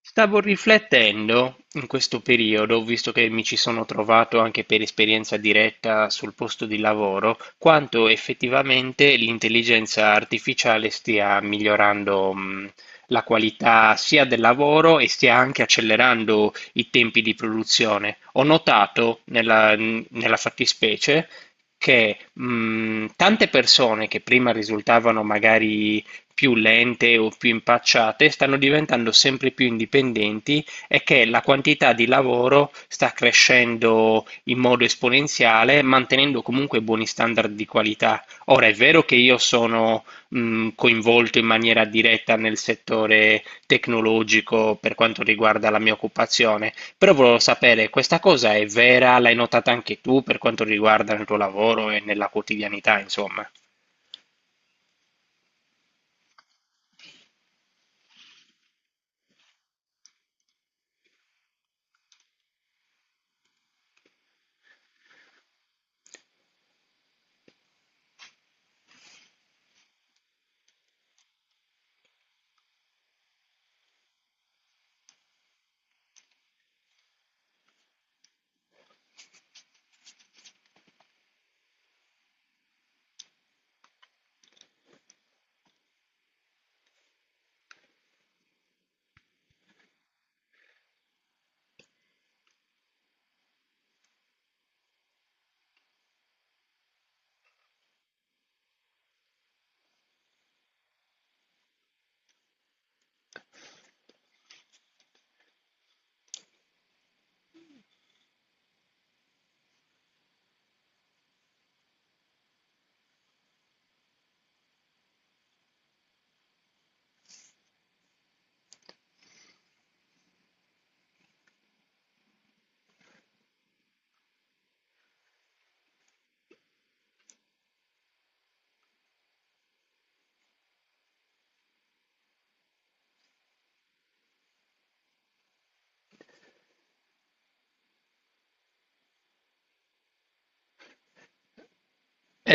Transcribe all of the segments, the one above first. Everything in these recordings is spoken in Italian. Stavo riflettendo in questo periodo, visto che mi ci sono trovato anche per esperienza diretta sul posto di lavoro, quanto effettivamente l'intelligenza artificiale stia migliorando, la qualità sia del lavoro e stia anche accelerando i tempi di produzione. Ho notato nella fattispecie che tante persone che prima risultavano magari più lente o più impacciate stanno diventando sempre più indipendenti e che la quantità di lavoro sta crescendo in modo esponenziale, mantenendo comunque buoni standard di qualità. Ora, è vero che io sono coinvolto in maniera diretta nel settore tecnologico per quanto riguarda la mia occupazione, però volevo sapere, questa cosa è vera? L'hai notata anche tu per quanto riguarda il tuo lavoro e nella quotidianità, insomma?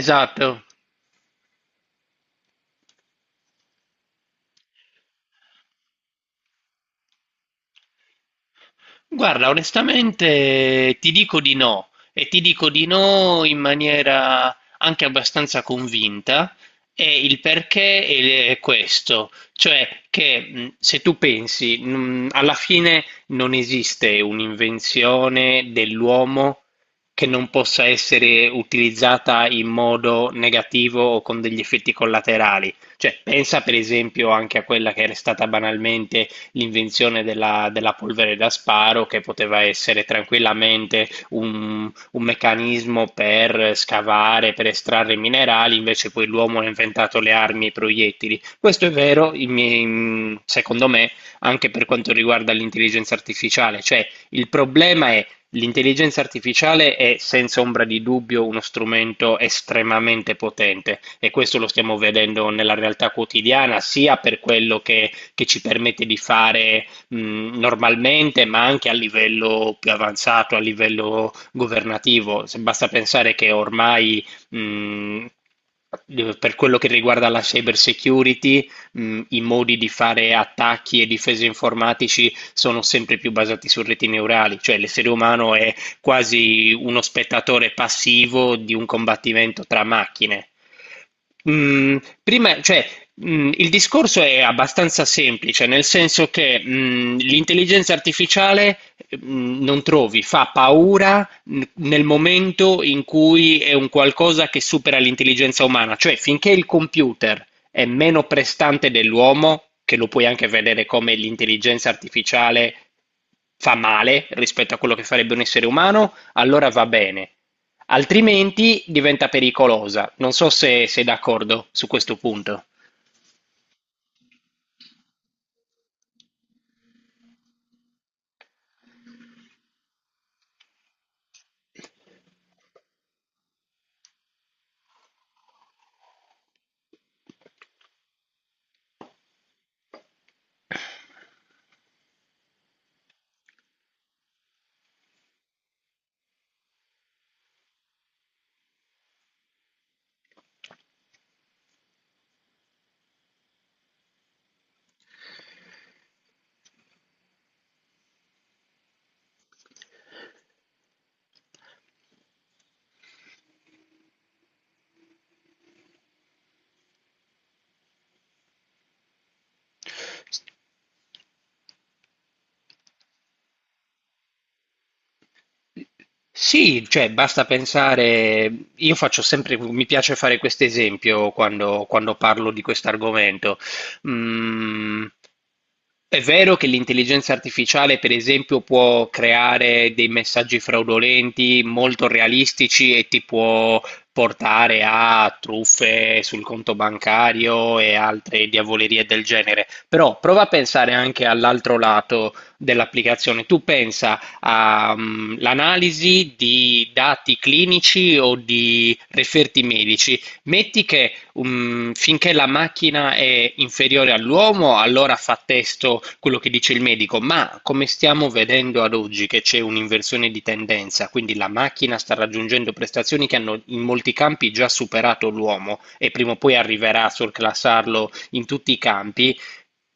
Esatto. Guarda, onestamente ti dico di no e ti dico di no in maniera anche abbastanza convinta e il perché è questo, cioè che se tu pensi, alla fine non esiste un'invenzione dell'uomo che non possa essere utilizzata in modo negativo o con degli effetti collaterali. Cioè, pensa per esempio anche a quella che era stata banalmente l'invenzione della polvere da sparo che poteva essere tranquillamente un meccanismo per scavare, per estrarre minerali, invece poi l'uomo ha inventato le armi e i proiettili. Questo è vero, secondo me, anche per quanto riguarda l'intelligenza artificiale, cioè il problema è. L'intelligenza artificiale è senza ombra di dubbio uno strumento estremamente potente e questo lo stiamo vedendo nella realtà quotidiana, sia per quello che ci permette di fare normalmente, ma anche a livello più avanzato, a livello governativo. Se basta pensare che ormai mh, per quello che riguarda la cyber security, i modi di fare attacchi e difese informatici sono sempre più basati su reti neurali, cioè l'essere umano è quasi uno spettatore passivo di un combattimento tra macchine. Mm, prima, cioè, il discorso è abbastanza semplice, nel senso che, l'intelligenza artificiale, non trovi, fa paura nel momento in cui è un qualcosa che supera l'intelligenza umana, cioè finché il computer è meno prestante dell'uomo, che lo puoi anche vedere come l'intelligenza artificiale fa male rispetto a quello che farebbe un essere umano, allora va bene. Altrimenti diventa pericolosa. Non so se sei d'accordo su questo punto. Sì, cioè basta pensare, io faccio sempre, mi piace fare questo esempio quando parlo di questo argomento. Mm, è vero che l'intelligenza artificiale, per esempio, può creare dei messaggi fraudolenti molto realistici e ti può portare a truffe sul conto bancario e altre diavolerie del genere, però prova a pensare anche all'altro lato dell'applicazione. Tu pensa all'analisi di dati clinici o di referti medici. Metti che finché la macchina è inferiore all'uomo, allora fa testo quello che dice il medico, ma come stiamo vedendo ad oggi che c'è un'inversione di tendenza, quindi la macchina sta raggiungendo prestazioni che hanno in molti campi già superato l'uomo e prima o poi arriverà a surclassarlo in tutti i campi,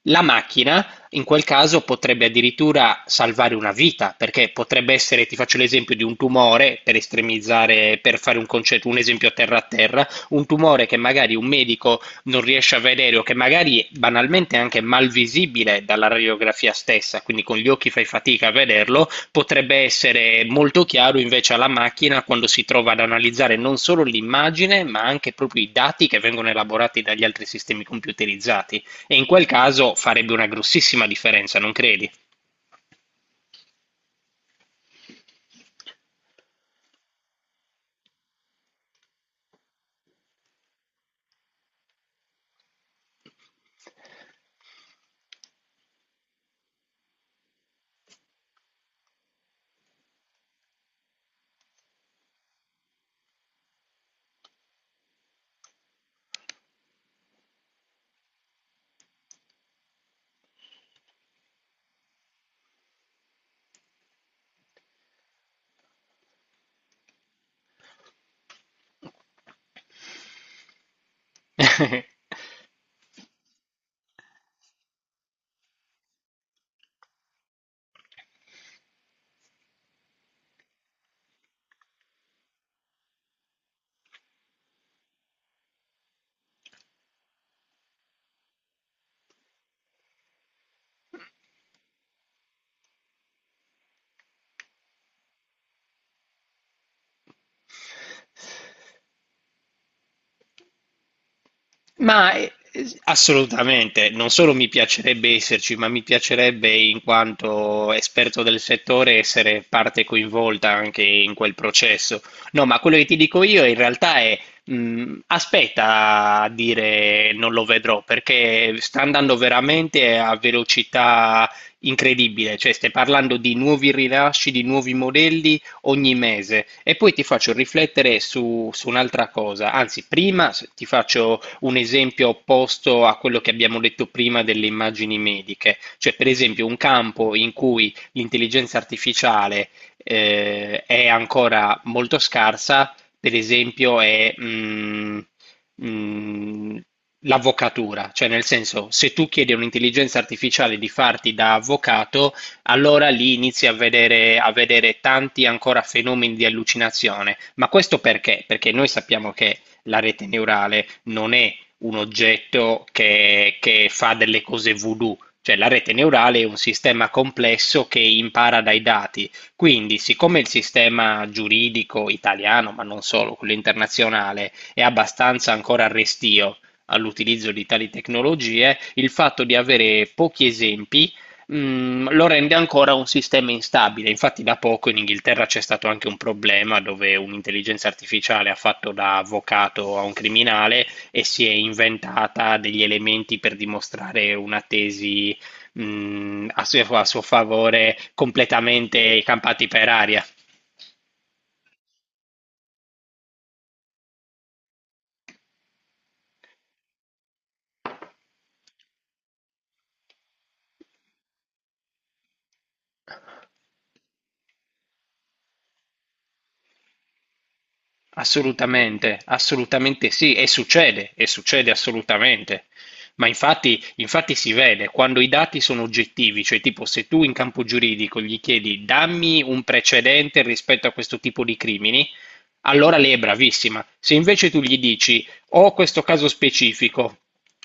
la macchina in quel caso potrebbe addirittura salvare una vita, perché potrebbe essere, ti faccio l'esempio di un tumore, per estremizzare, per fare un concetto, un esempio terra a terra, un tumore che magari un medico non riesce a vedere o che magari banalmente è anche mal visibile dalla radiografia stessa, quindi con gli occhi fai fatica a vederlo, potrebbe essere molto chiaro invece alla macchina quando si trova ad analizzare non solo l'immagine, ma anche proprio i dati che vengono elaborati dagli altri sistemi computerizzati. E in quel caso farebbe una grossissima differenza, non credi? Ma assolutamente, non solo mi piacerebbe esserci, ma mi piacerebbe in quanto esperto del settore essere parte coinvolta anche in quel processo. No, ma quello che ti dico io in realtà è aspetta a dire non lo vedrò perché sta andando veramente a velocità incredibile, cioè stai parlando di nuovi rilasci, di nuovi modelli ogni mese e poi ti faccio riflettere su un'altra cosa, anzi prima ti faccio un esempio opposto a quello che abbiamo detto prima delle immagini mediche, cioè per esempio un campo in cui l'intelligenza artificiale è ancora molto scarsa, per esempio è mm, l'avvocatura, cioè nel senso se tu chiedi a un'intelligenza artificiale di farti da avvocato, allora lì inizi a vedere tanti ancora fenomeni di allucinazione. Ma questo perché? Perché noi sappiamo che la rete neurale non è un oggetto che fa delle cose voodoo. Cioè la rete neurale è un sistema complesso che impara dai dati. Quindi, siccome il sistema giuridico italiano, ma non solo, quello internazionale, è abbastanza ancora restio all'utilizzo di tali tecnologie, il fatto di avere pochi esempi lo rende ancora un sistema instabile. Infatti, da poco in Inghilterra c'è stato anche un problema dove un'intelligenza artificiale ha fatto da avvocato a un criminale e si è inventata degli elementi per dimostrare una tesi, a a suo favore completamente campati per aria. Assolutamente, assolutamente sì, e succede assolutamente. Ma infatti, infatti si vede quando i dati sono oggettivi, cioè tipo se tu in campo giuridico gli chiedi dammi un precedente rispetto a questo tipo di crimini, allora lei è bravissima, se invece tu gli dici: "Ho questo caso specifico,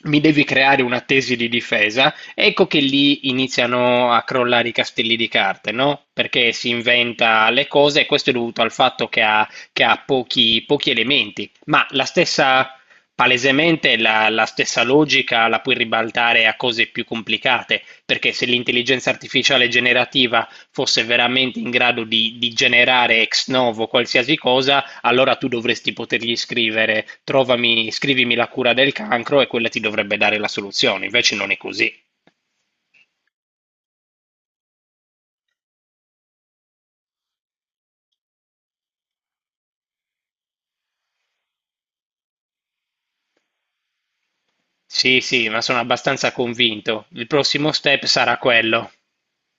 mi devi creare una tesi di difesa", ecco che lì iniziano a crollare i castelli di carte, no? Perché si inventa le cose e questo è dovuto al fatto che che ha pochi elementi. Ma la stessa, palesemente, la stessa logica la puoi ribaltare a cose più complicate, perché se l'intelligenza artificiale generativa fosse veramente in grado di generare ex novo qualsiasi cosa, allora tu dovresti potergli scrivere, trovami, scrivimi la cura del cancro e quella ti dovrebbe dare la soluzione, invece non è così. Sì, sì, ma sono abbastanza convinto. Il prossimo step sarà quello.